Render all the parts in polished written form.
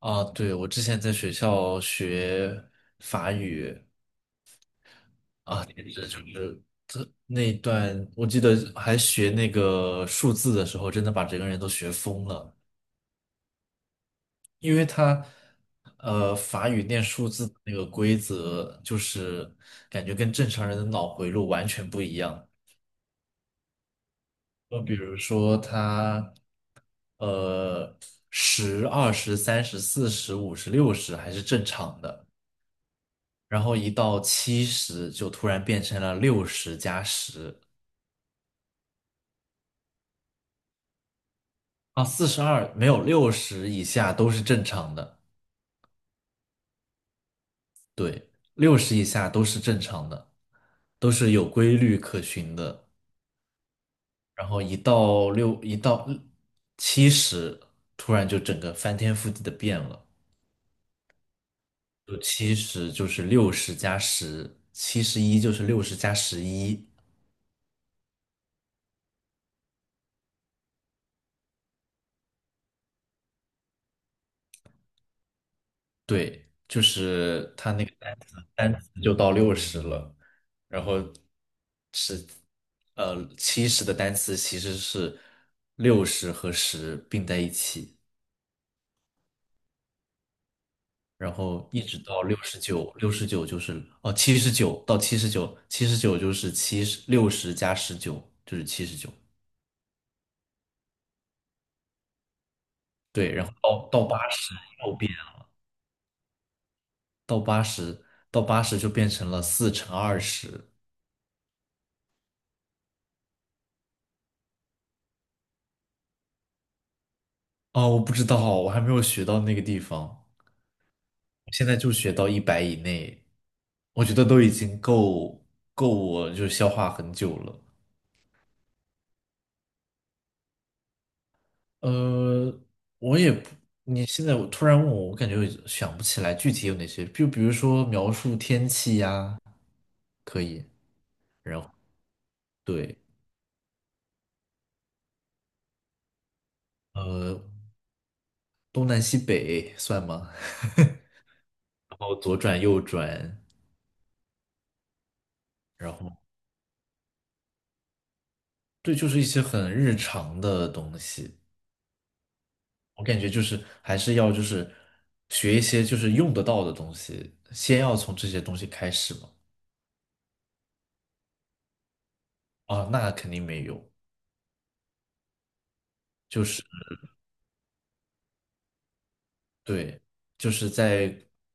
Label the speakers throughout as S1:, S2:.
S1: 啊，对，我之前在学校学法语。啊，简直就是那一段，我记得还学那个数字的时候，真的把整个人都学疯了，因为法语念数字的那个规则，就是感觉跟正常人的脑回路完全不一样。就比如说呃，十、二十、三十、四十、五十、六十还是正常的。然后一到七十就突然变成了六十加十。啊，四十二没有六十以下都是正常的，对，六十以下都是正常的，都是有规律可循的。然后一到七十，突然就整个翻天覆地的变了，就七十就是六十加十，七十一就是六十加十一。对，就是它那个单词就到六十了。然后七十的单词其实是六十和十并在一起，然后一直到六十九，七十九，七十九就是六十加十九就是七十九。对，然后到八十又变了，到八十到八十就变成了四乘二十。哦，我不知道，我还没有学到那个地方，我现在就学到100以内，我觉得都已经够我就消化很久了。呃，我也不，你现在我突然问我，我感觉我想不起来具体有哪些，就比如说描述天气呀，可以。对，呃，东南西北算吗？然后左转右转，然后对，就是一些很日常的东西，我感觉就是还是要就是学一些就是用得到的东西，先要从这些东西开始嘛。啊，那肯定没有。对，就是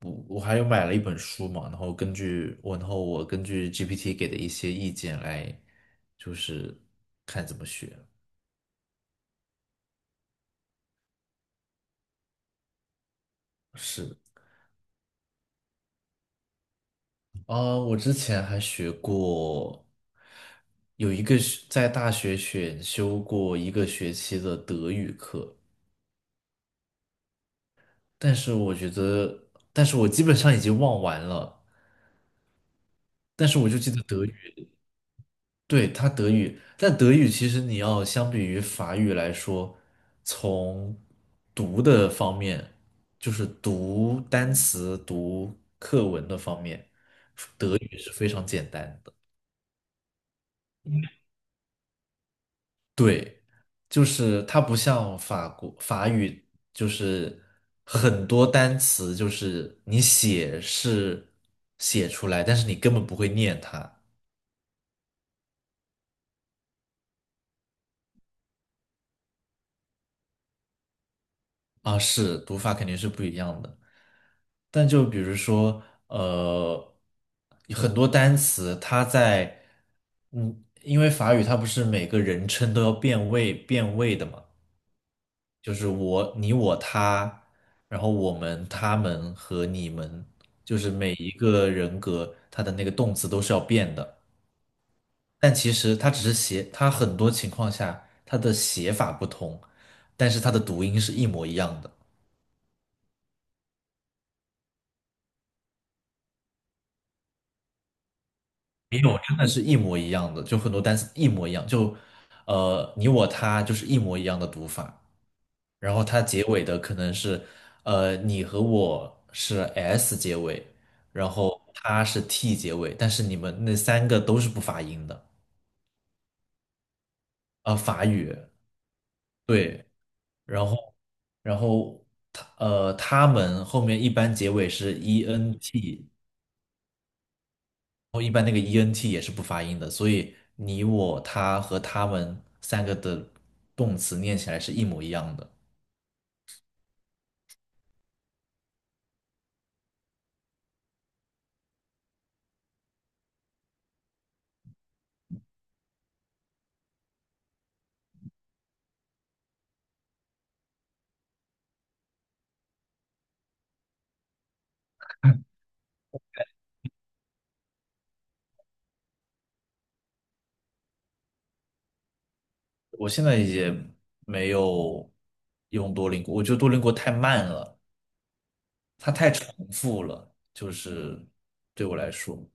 S1: 我还有买了一本书嘛，然后我根据 GPT 给的一些意见来，就是看怎么学。是啊，我之前还学过，有一个是在大学选修过一个学期的德语课，但是我基本上已经忘完了，但是我就记得德语。对，它德语，但德语其实你要相比于法语来说，从读的方面，就是读单词、读课文的方面，德语是非常简单的。对，就是它不像法国法语，就是很多单词，就是你写是写出来，但是你根本不会念它。啊，是读法肯定是不一样的。但就比如说，呃，很多单词它在。嗯，因为法语它不是每个人称都要变位的嘛，就是我、你、我、他，然后我们、他们和你们，就是每一个人格它的那个动词都是要变的。但其实它只是写，它很多情况下它的写法不同，但是它的读音是一模一样的。他们是一模一样的，就很多单词一模一样，就你我他就是一模一样的读法，然后它结尾的可能是你和我是 s 结尾，然后他是 t 结尾，但是你们那三个都是不发音的。法语。对，然后然后他们后面一般结尾是 e n t，后一般那个 ENT 也是不发音的，所以你、我、他和他们三个的动词念起来是一模一样的。我现在也没有用多邻国，我觉得多邻国太慢了，它太重复了，就是对我来说。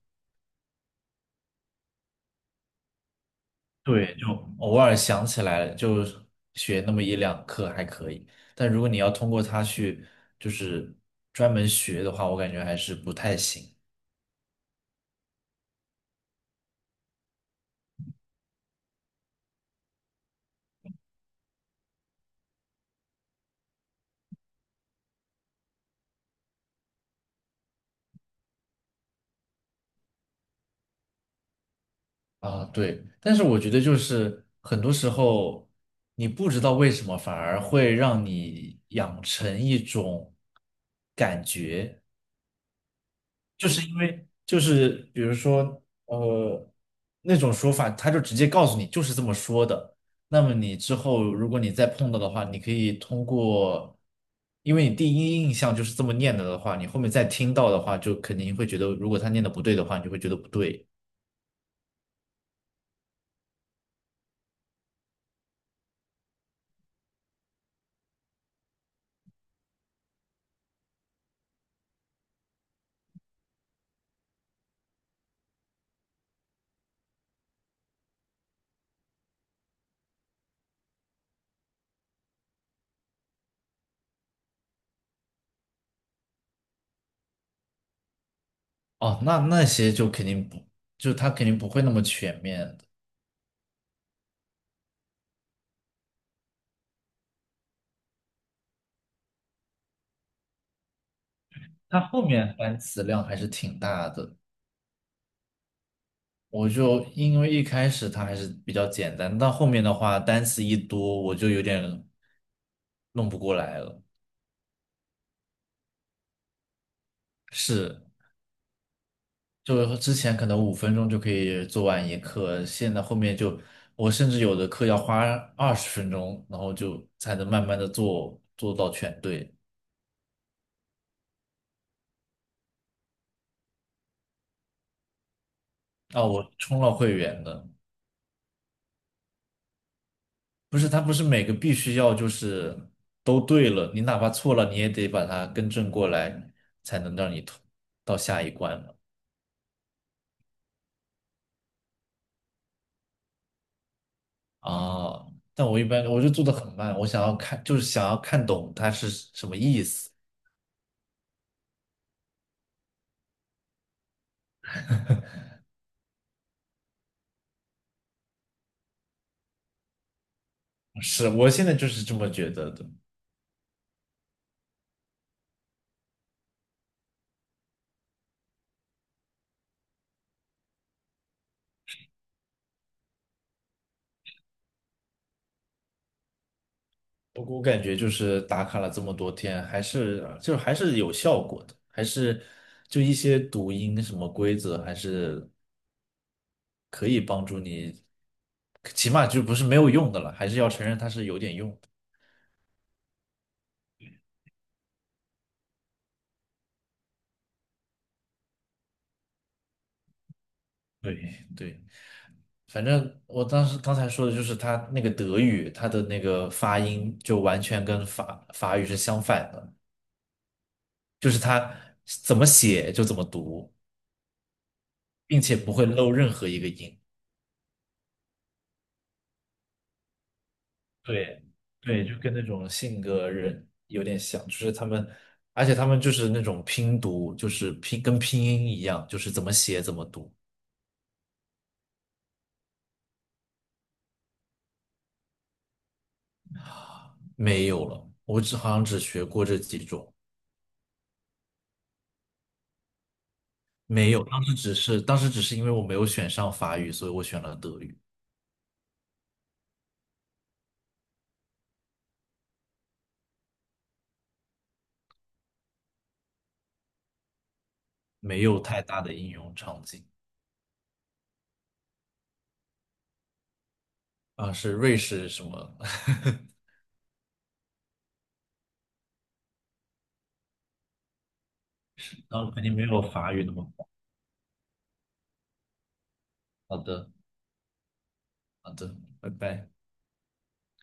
S1: 对，就偶尔想起来了就学那么一两课还可以，但如果你要通过它去就是专门学的话，我感觉还是不太行。啊，对，但是我觉得就是很多时候你不知道为什么，反而会让你养成一种感觉，就是因为就是比如说那种说法，他就直接告诉你就是这么说的。那么你之后如果你再碰到的话，你可以通过，因为你第一印象就是这么念的的话，你后面再听到的话，就肯定会觉得如果他念的不对的话，你就会觉得不对。哦，那些就肯定不，就它肯定不会那么全面的，它后面单词量还是挺大的。我就因为一开始它还是比较简单，到后面的话单词一多，我就有点弄不过来了。是，就之前可能5分钟就可以做完一课，现在后面就我甚至有的课要花20分钟，然后就才能慢慢的做到全对。啊，我充了会员的。不是，它不是每个必须要就是都对了，你哪怕错了，你也得把它更正过来，才能让你通到下一关嘛。啊，但我一般我就做的很慢，我想要看，就是想要看懂它是什么意思。是，我现在就是这么觉得的。不过我感觉就是打卡了这么多天，还是有效果的，还是就一些读音什么规则，还是可以帮助你，起码就不是没有用的了，还是要承认它是有点用。对对，反正我当时刚才说的就是他那个德语，他的那个发音就完全跟法语是相反的，就是他怎么写就怎么读，并且不会漏任何一个音。对对，就跟那种性格人有点像，就是他们，而且他们就是那种拼读，就是拼跟拼音一样，就是怎么写怎么读。没有了，我只好像只学过这几种。没有，当时只是当时只是因为我没有选上法语，所以我选了德语。没有太大的应用场景。啊，是瑞士什么？然后肯定没有法语那么好。好的。好的，拜拜。